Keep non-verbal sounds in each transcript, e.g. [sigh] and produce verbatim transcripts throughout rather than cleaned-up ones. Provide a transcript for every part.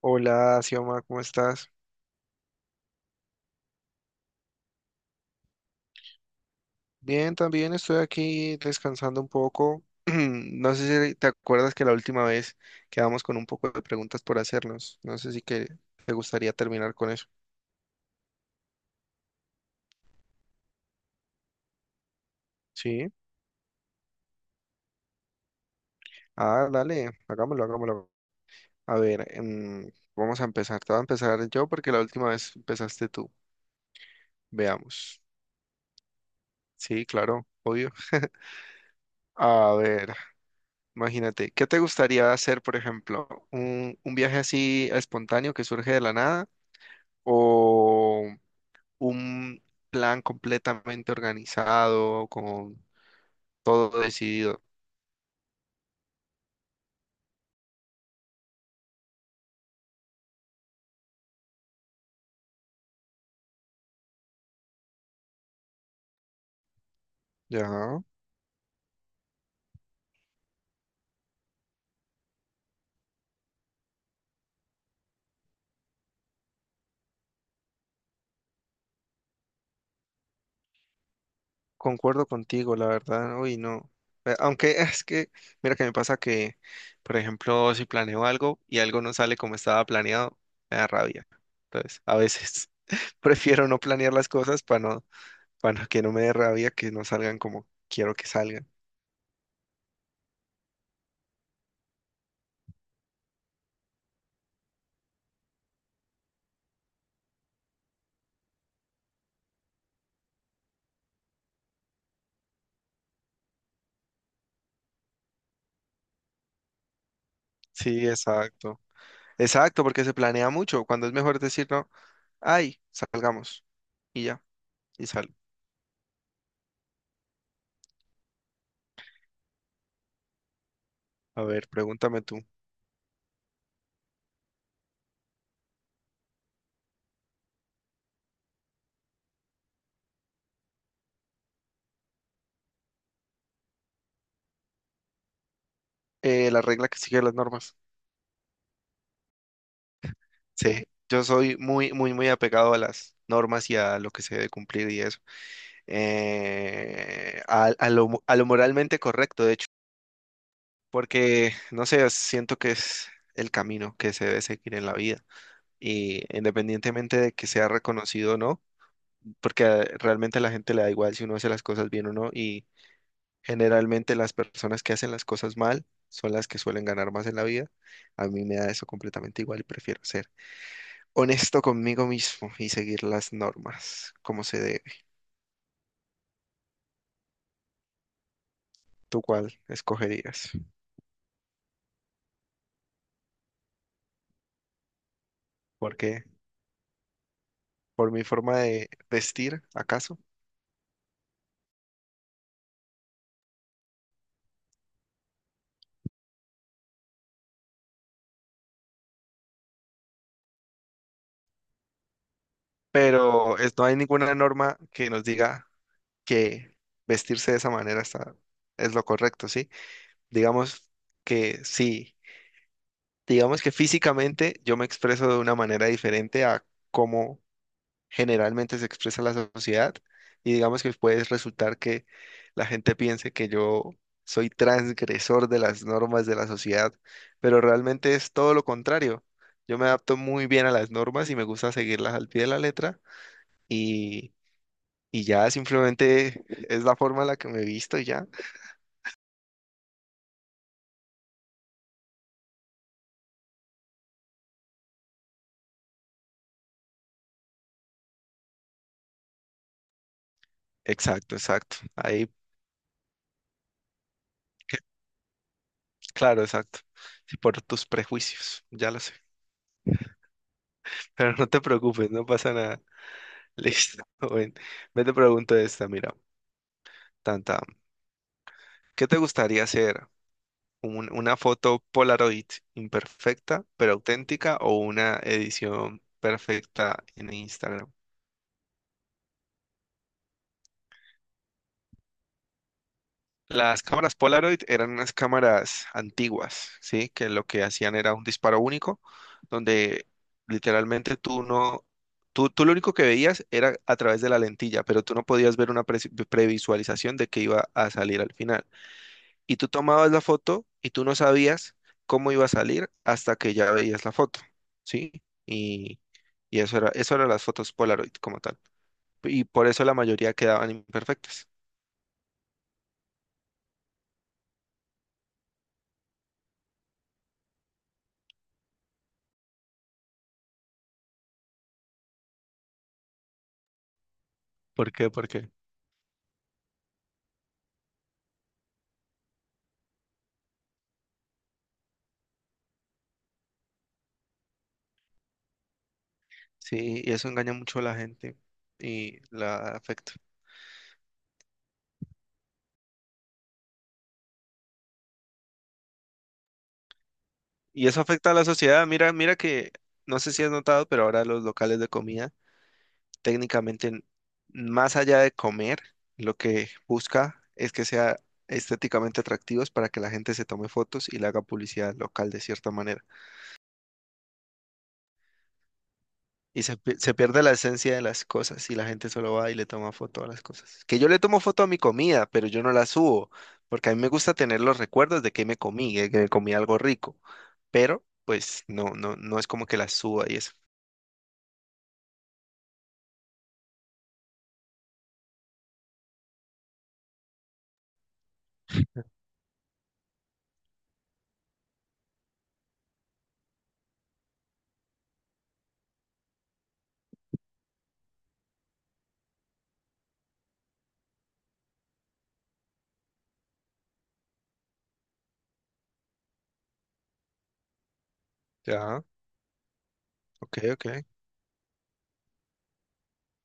Hola, Xioma, ¿cómo estás? Bien, también estoy aquí descansando un poco. [clears throat] No sé si te acuerdas que la última vez quedamos con un poco de preguntas por hacernos. No sé si que te gustaría terminar con eso. Sí. Ah, dale, hagámoslo, hagámoslo. A ver, em, vamos a empezar. Te voy a empezar yo porque la última vez empezaste tú. Veamos. Sí, claro, obvio. A ver, imagínate, ¿qué te gustaría hacer, por ejemplo? Un, un viaje así espontáneo que surge de la nada o un plan completamente organizado, con todo decidido. Ya, concuerdo contigo, la verdad. Uy, no. Eh, Aunque [laughs] es que, mira que me pasa que, por ejemplo, si planeo algo y algo no sale como estaba planeado, me da rabia. Entonces, a veces [laughs] prefiero no planear las cosas para no, para que no me dé rabia que no salgan como quiero que salgan. Sí, exacto. Exacto, porque se planea mucho. Cuando es mejor decir, no, ay, salgamos y ya. Y sal. A ver, pregúntame tú. Eh, la regla que sigue las normas. Sí, yo soy muy, muy, muy apegado a las normas y a lo que se debe cumplir y eso. Eh, a, a lo, mo- a lo moralmente correcto, de hecho, porque, no sé, siento que es el camino que se debe seguir en la vida. Y independientemente de que sea reconocido o no, porque eh, realmente a la gente le da igual si uno hace las cosas bien o no. y Generalmente las personas que hacen las cosas mal son las que suelen ganar más en la vida. A mí me da eso completamente igual y prefiero ser honesto conmigo mismo y seguir las normas como se debe. ¿Tú cuál escogerías? ¿Por qué? ¿Por mi forma de vestir, acaso? Pero es- no hay ninguna norma que nos diga que vestirse de esa manera está, es lo correcto, ¿sí? Digamos que sí. Digamos que físicamente yo me expreso de una manera diferente a cómo generalmente se expresa la sociedad y digamos que puede resultar que la gente piense que yo soy transgresor de las normas de la sociedad, pero realmente es todo lo contrario. Yo me adapto muy bien a las normas y me gusta seguirlas al pie de la letra y, y ya simplemente es la forma en la que me he visto y ya. Exacto, exacto. Ahí, claro, exacto. Sí, por tus prejuicios, ya lo sé. [laughs] Pero no te preocupes, no pasa nada. Listo. [laughs] Bueno, me te pregunto esta, mira. Tanta. ¿Qué te gustaría hacer? ¿Un- una foto Polaroid imperfecta pero auténtica o una edición perfecta en Instagram? Las cámaras Polaroid eran unas cámaras antiguas, ¿sí? Que lo que hacían era un disparo único, donde literalmente tú no, tú, tú lo único que veías era a través de la lentilla, pero tú no podías ver una pre- previsualización de qué iba a salir al final. Y tú tomabas la foto y tú no sabías cómo iba a salir hasta que ya veías la foto, ¿sí? Y, y eso era, eso eran las fotos Polaroid como tal. Y por eso la mayoría quedaban imperfectas. ¿Por qué? ¿Por qué? Sí, y eso engaña mucho a la gente y la afecta. Y eso afecta a la sociedad. Mira, mira que, no sé si has notado, pero ahora los locales de comida técnicamente, más allá de comer, lo que busca es que sea estéticamente atractivos para que la gente se tome fotos y le haga publicidad local de cierta manera. Y se, pi- se pierde la esencia de las cosas y la gente solo va y le toma foto a las cosas. Que yo le tomo foto a mi comida, pero yo no la subo, porque a mí me gusta tener los recuerdos de que me comí, de que me comí algo rico, pero pues no, no, no es como que la suba y eso. Ya, ok, ok.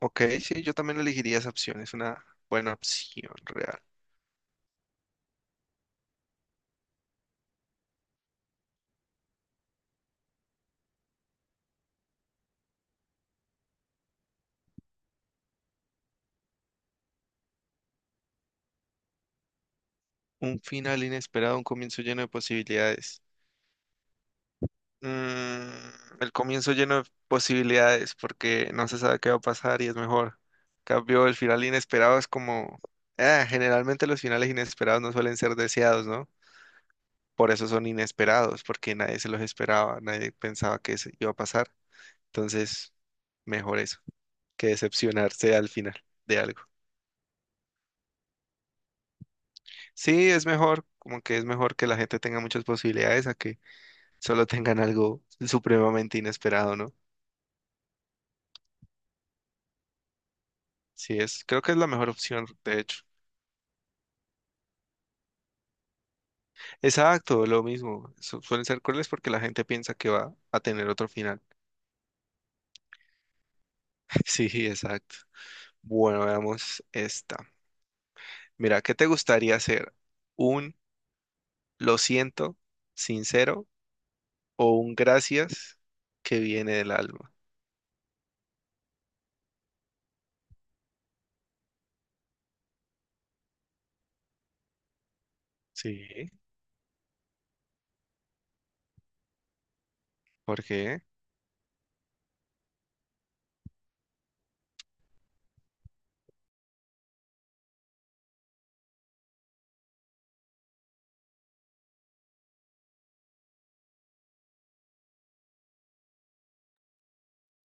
Ok, sí, yo también elegiría esa opción, es una buena opción real. Un final inesperado, un comienzo lleno de posibilidades. Mm, el comienzo lleno de posibilidades porque no se sabe qué va a pasar y es mejor. En cambio, el final inesperado es como... Ah, generalmente los finales inesperados no suelen ser deseados, ¿no? Por eso son inesperados, porque nadie se los esperaba, nadie pensaba que eso iba a pasar. Entonces, mejor eso, que decepcionarse al final de algo. Sí, es mejor, como que es mejor que la gente tenga muchas posibilidades a que solo tengan algo supremamente inesperado, ¿no? Sí, es, creo que es la mejor opción, de hecho. Exacto, lo mismo. Su- suelen ser crueles porque la gente piensa que va a tener otro final. [laughs] Sí, exacto. Bueno, veamos esta. Mira, ¿qué te gustaría hacer? ¿Un lo siento, sincero o un gracias que viene del alma? Sí, ¿por qué?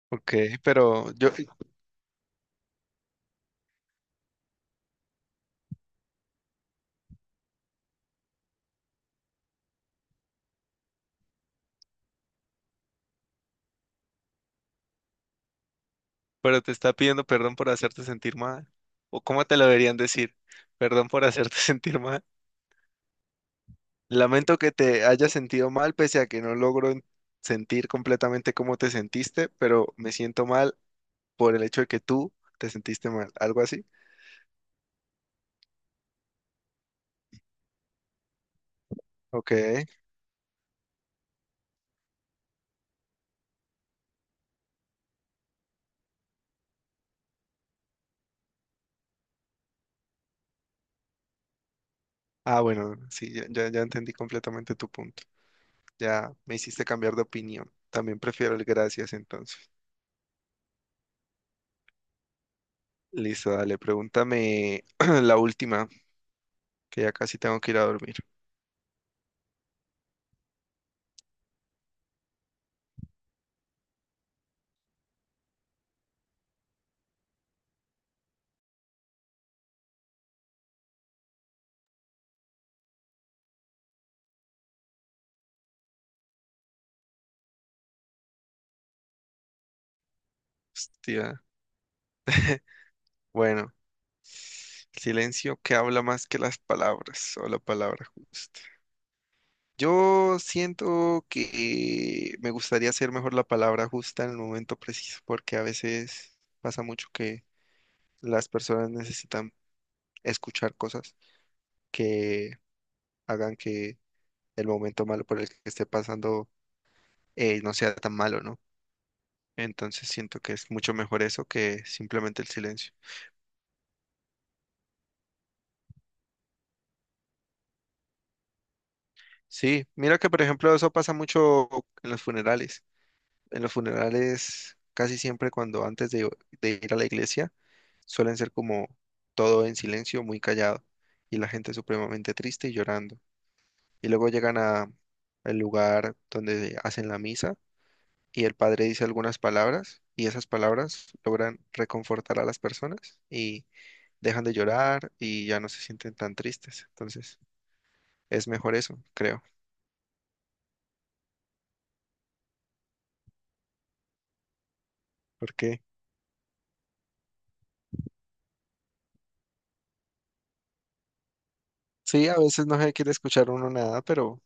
Ok, pero yo, pero te está pidiendo perdón por hacerte sentir mal. ¿O cómo te lo deberían decir? Perdón por hacerte [laughs] sentir mal. Lamento que te hayas sentido mal, pese a que no logro en- sentir completamente cómo te sentiste, pero me siento mal por el hecho de que tú te sentiste mal. ¿Algo así? Ok. Ah, bueno, sí, ya, ya, ya entendí completamente tu punto. Ya me hiciste cambiar de opinión. También prefiero el gracias entonces. Listo, dale, pregúntame [clears throat] la última, que ya casi tengo que ir a dormir. Hostia. Bueno, silencio que habla más que las palabras o la palabra justa. Yo siento que me gustaría hacer mejor la palabra justa en el momento preciso, porque a veces pasa mucho que las personas necesitan escuchar cosas que hagan que el momento malo por el que esté pasando eh, no sea tan malo, ¿no? Entonces siento que es mucho mejor eso que simplemente el silencio. Sí, mira que por ejemplo eso pasa mucho en los funerales. En los funerales casi siempre cuando antes de de ir a la iglesia suelen ser como todo en silencio, muy callado, y la gente supremamente triste y llorando. Y luego llegan a el lugar donde hacen la misa y el padre dice algunas palabras y esas palabras logran reconfortar a las personas y dejan de llorar y ya no se sienten tan tristes. Entonces, es mejor eso, creo, porque sí, a veces no se quiere escuchar uno nada, pero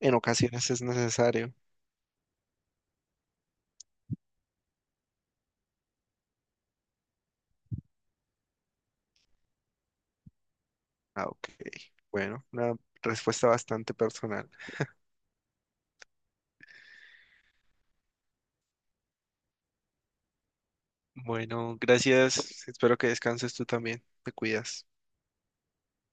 en ocasiones es necesario. Ah, ok. Bueno, una respuesta bastante personal. Bueno, gracias. Espero que descanses tú también. Te cuidas.